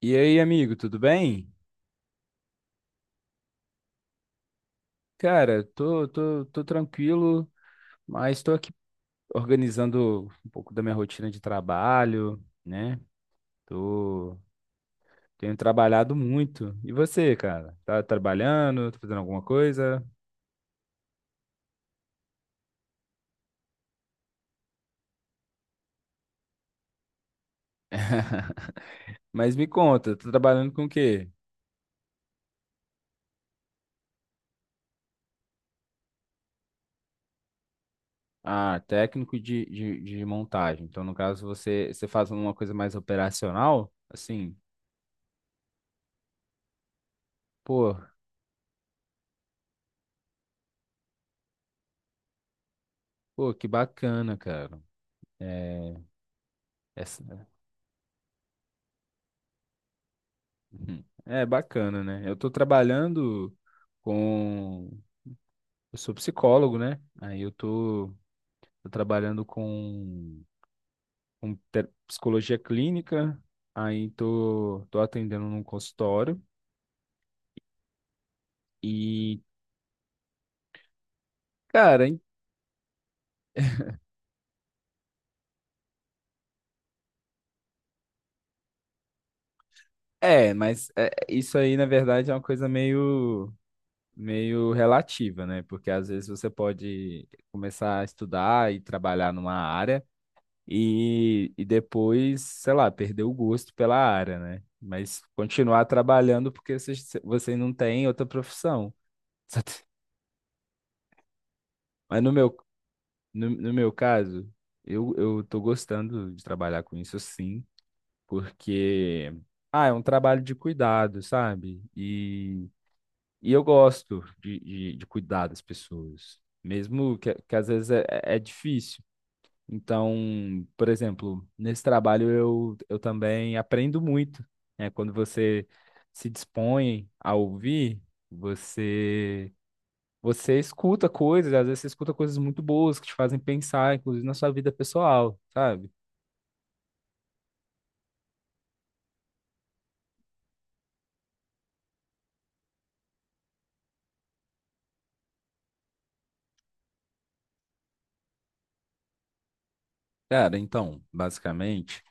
E aí, amigo, tudo bem? Cara, tô tranquilo, mas tô aqui organizando um pouco da minha rotina de trabalho, né? Tô, tenho trabalhado muito. E você, cara? Tá trabalhando? Tá fazendo alguma coisa? Mas me conta, tá trabalhando com o quê? Ah, técnico de montagem. Então, no caso, você faz uma coisa mais operacional? Assim, pô, pô, que bacana, cara. É, essa. Uhum. É bacana, né? Eu tô trabalhando com. Eu sou psicólogo, né? Aí eu tô trabalhando com, com psicologia clínica, aí tô atendendo num consultório. E, cara, em- é, mas é, isso aí, na verdade, é uma coisa meio relativa, né? Porque às vezes você pode começar a estudar e trabalhar numa área. E depois, sei lá, perder o gosto pela área, né? Mas continuar trabalhando porque você não tem outra profissão. Só tem- Mas no meu caso, eu tô gostando de trabalhar com isso sim, porque ah, é um trabalho de cuidado, sabe? E eu gosto de cuidar das pessoas, mesmo que às vezes é, é difícil. Então, por exemplo, nesse trabalho eu também aprendo muito, né? Quando você se dispõe a ouvir, você você escuta coisas, às vezes você escuta coisas muito boas que te fazem pensar, inclusive na sua vida pessoal, sabe? Cara, então, basicamente.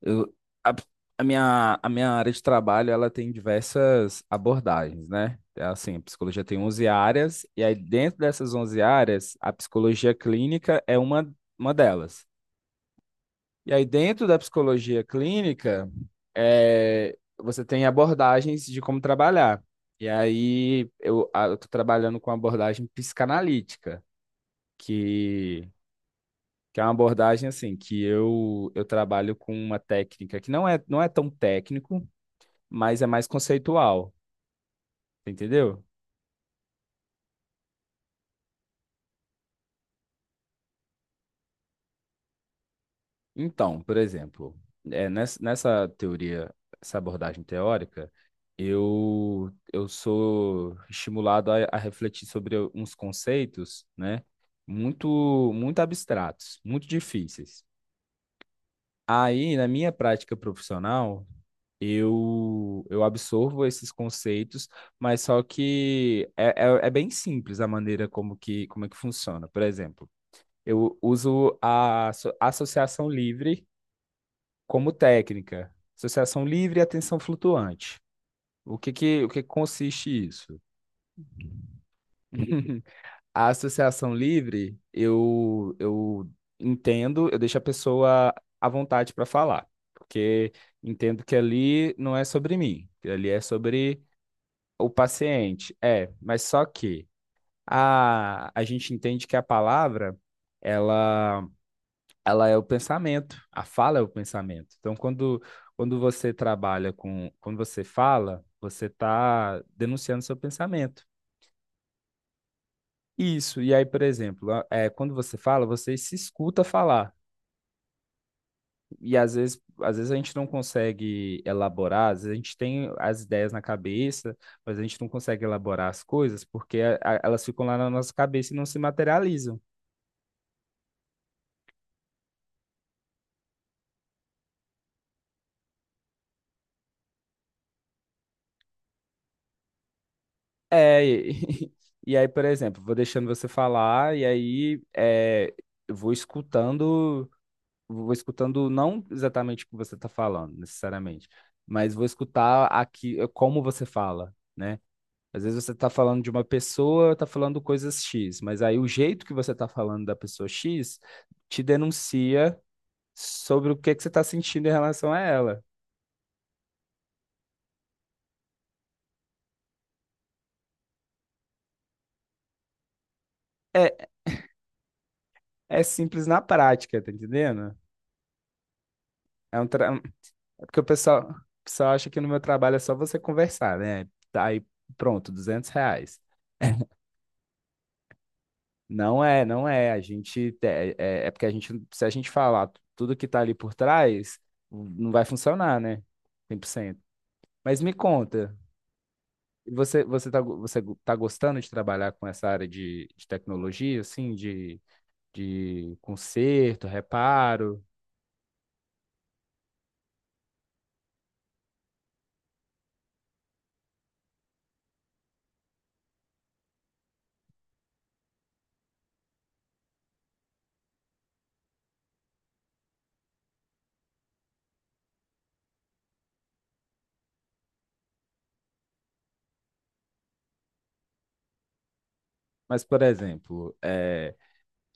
Eu, a, a minha área de trabalho, ela tem diversas abordagens, né? É assim, a psicologia tem 11 áreas, e aí dentro dessas 11 áreas, a psicologia clínica é uma delas. E aí dentro da psicologia clínica, é, você tem abordagens de como trabalhar. E aí eu tô trabalhando com a abordagem psicanalítica, que que é uma abordagem assim que eu trabalho com uma técnica que não é tão técnico, mas é mais conceitual, entendeu? Então, por exemplo, é, nessa teoria, essa abordagem teórica, eu sou estimulado a refletir sobre uns conceitos, né, muito, muito abstratos, muito difíceis. Aí, na minha prática profissional, eu absorvo esses conceitos, mas só que é bem simples a maneira como é que funciona. Por exemplo, eu uso a associação livre como técnica. Associação livre e atenção flutuante. O que que consiste isso? A associação livre, eu entendo, eu deixo a pessoa à vontade para falar, porque entendo que ali não é sobre mim, que ali é sobre o paciente. É, mas só que a gente entende que a palavra, ela ela é o pensamento, a fala é o pensamento. Então, quando você trabalha com, quando você fala, você está denunciando seu pensamento. Isso, e aí, por exemplo, quando você fala, você se escuta falar. E às vezes a gente não consegue elaborar, às vezes a gente tem as ideias na cabeça, mas a gente não consegue elaborar as coisas porque elas ficam lá na nossa cabeça e não se materializam. É, e, e aí, por exemplo, vou deixando você falar, e aí é, eu vou escutando não exatamente o que você está falando, necessariamente, mas vou escutar aqui como você fala, né? Às vezes você está falando de uma pessoa, está falando coisas X, mas aí o jeito que você está falando da pessoa X te denuncia sobre o que que você está sentindo em relação a ela. É, é simples na prática, tá entendendo? É um, tra- Porque o pessoal acha que no meu trabalho é só você conversar, né? Tá, aí pronto, R$ 200. Não é, não é. A gente é porque a gente, se a gente falar tudo que tá ali por trás, não vai funcionar, né? 100%. Mas me conta, você tá gostando de trabalhar com essa área de tecnologia, assim, de conserto, reparo? Mas, por exemplo, é,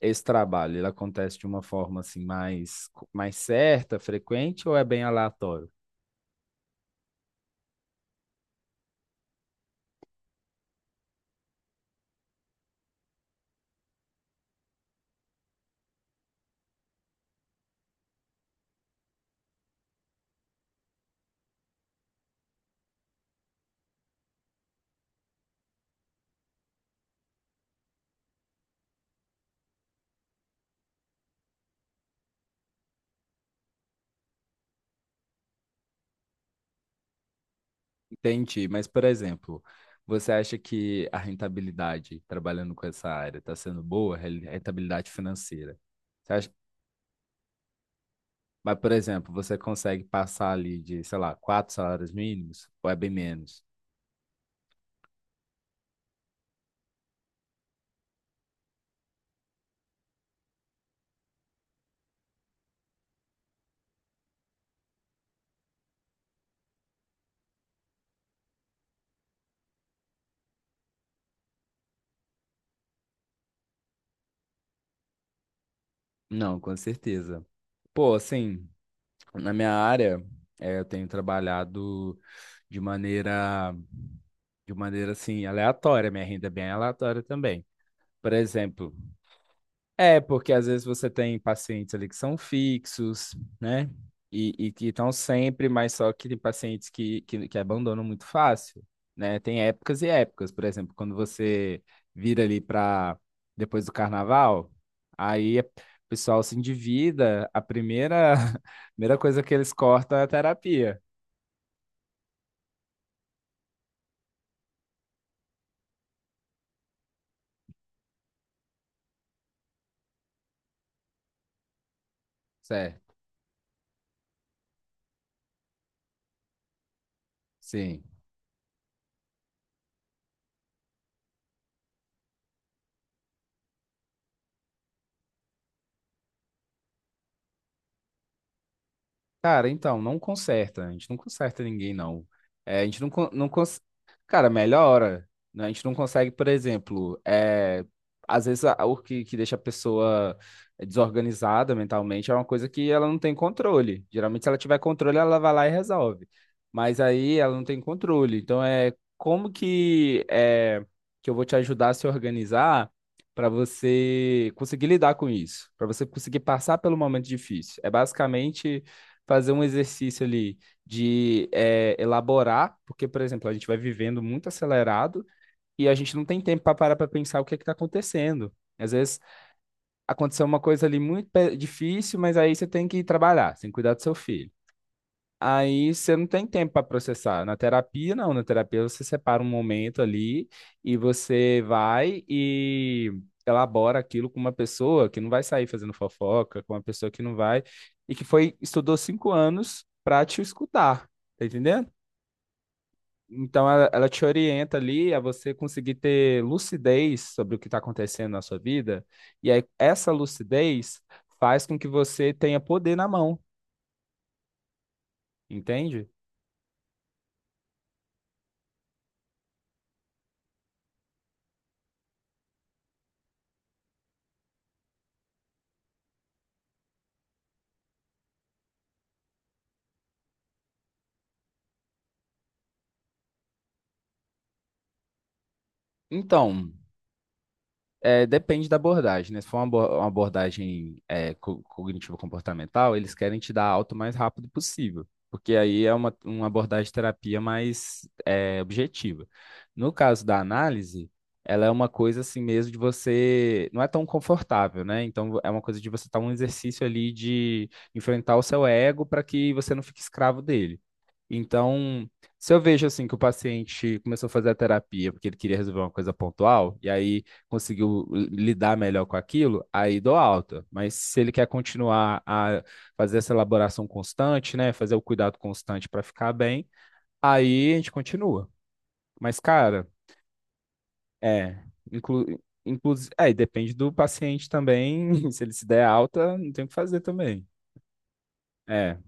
esse trabalho, ele acontece de uma forma assim mais certa, frequente ou é bem aleatório? Entendi, mas, por exemplo, você acha que a rentabilidade trabalhando com essa área está sendo boa, rentabilidade financeira? Você acha- Mas, por exemplo, você consegue passar ali de, sei lá, 4 salários mínimos ou é bem menos? Não, com certeza. Pô, assim, na minha área, eu tenho trabalhado de maneira, de maneira assim, aleatória. Minha renda é bem aleatória também. Por exemplo, é, porque às vezes você tem pacientes ali que são fixos, né? E que estão sempre, mas só que tem pacientes que abandonam muito fácil, né? Tem épocas e épocas. Por exemplo, quando você vira ali para depois do carnaval, aí o pessoal se endivida, a primeira, a primeira coisa que eles cortam é a terapia, certo? Sim. Cara, então, não conserta. A gente não conserta ninguém, não. É, a gente não, con- não cons... Cara, melhora. Né? A gente não consegue, por exemplo, é, às vezes o que, que deixa a pessoa desorganizada mentalmente é uma coisa que ela não tem controle. Geralmente, se ela tiver controle, ela vai lá e resolve. Mas aí ela não tem controle. Então, é como que, é, que eu vou te ajudar a se organizar para você conseguir lidar com isso, para você conseguir passar pelo momento difícil. É basicamente fazer um exercício ali de elaborar, porque, por exemplo, a gente vai vivendo muito acelerado e a gente não tem tempo para parar para pensar o que é que está acontecendo. Às vezes aconteceu uma coisa ali muito difícil, mas aí você tem que ir trabalhar, você tem que cuidar do seu filho. Aí você não tem tempo para processar. Na terapia, não. Na terapia, você separa um momento ali e você vai e elabora aquilo com uma pessoa que não vai sair fazendo fofoca, com uma pessoa que não vai e que foi estudou 5 anos para te escutar, tá entendendo? Então, ela te orienta ali a você conseguir ter lucidez sobre o que está acontecendo na sua vida. E aí, essa lucidez faz com que você tenha poder na mão, entende? Então. É, depende da abordagem, né? Se for uma abordagem é, cognitivo-comportamental, eles querem te dar alta o mais rápido possível, porque aí é uma abordagem de terapia mais é, objetiva. No caso da análise, ela é uma coisa assim mesmo de você. Não é tão confortável, né? Então é uma coisa de você estar um exercício ali de enfrentar o seu ego para que você não fique escravo dele. Então, se eu vejo assim que o paciente começou a fazer a terapia porque ele queria resolver uma coisa pontual e aí conseguiu lidar melhor com aquilo, aí dou alta. Mas se ele quer continuar a fazer essa elaboração constante, né, fazer o cuidado constante para ficar bem, aí a gente continua. Mas, cara, é, inclu, inclusive, é, e depende do paciente também. Se ele se der alta, não tem o que fazer também. É,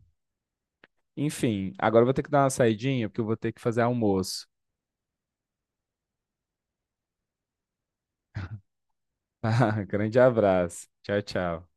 enfim, agora eu vou ter que dar uma saidinha porque eu vou ter que fazer almoço. Grande abraço. Tchau, tchau.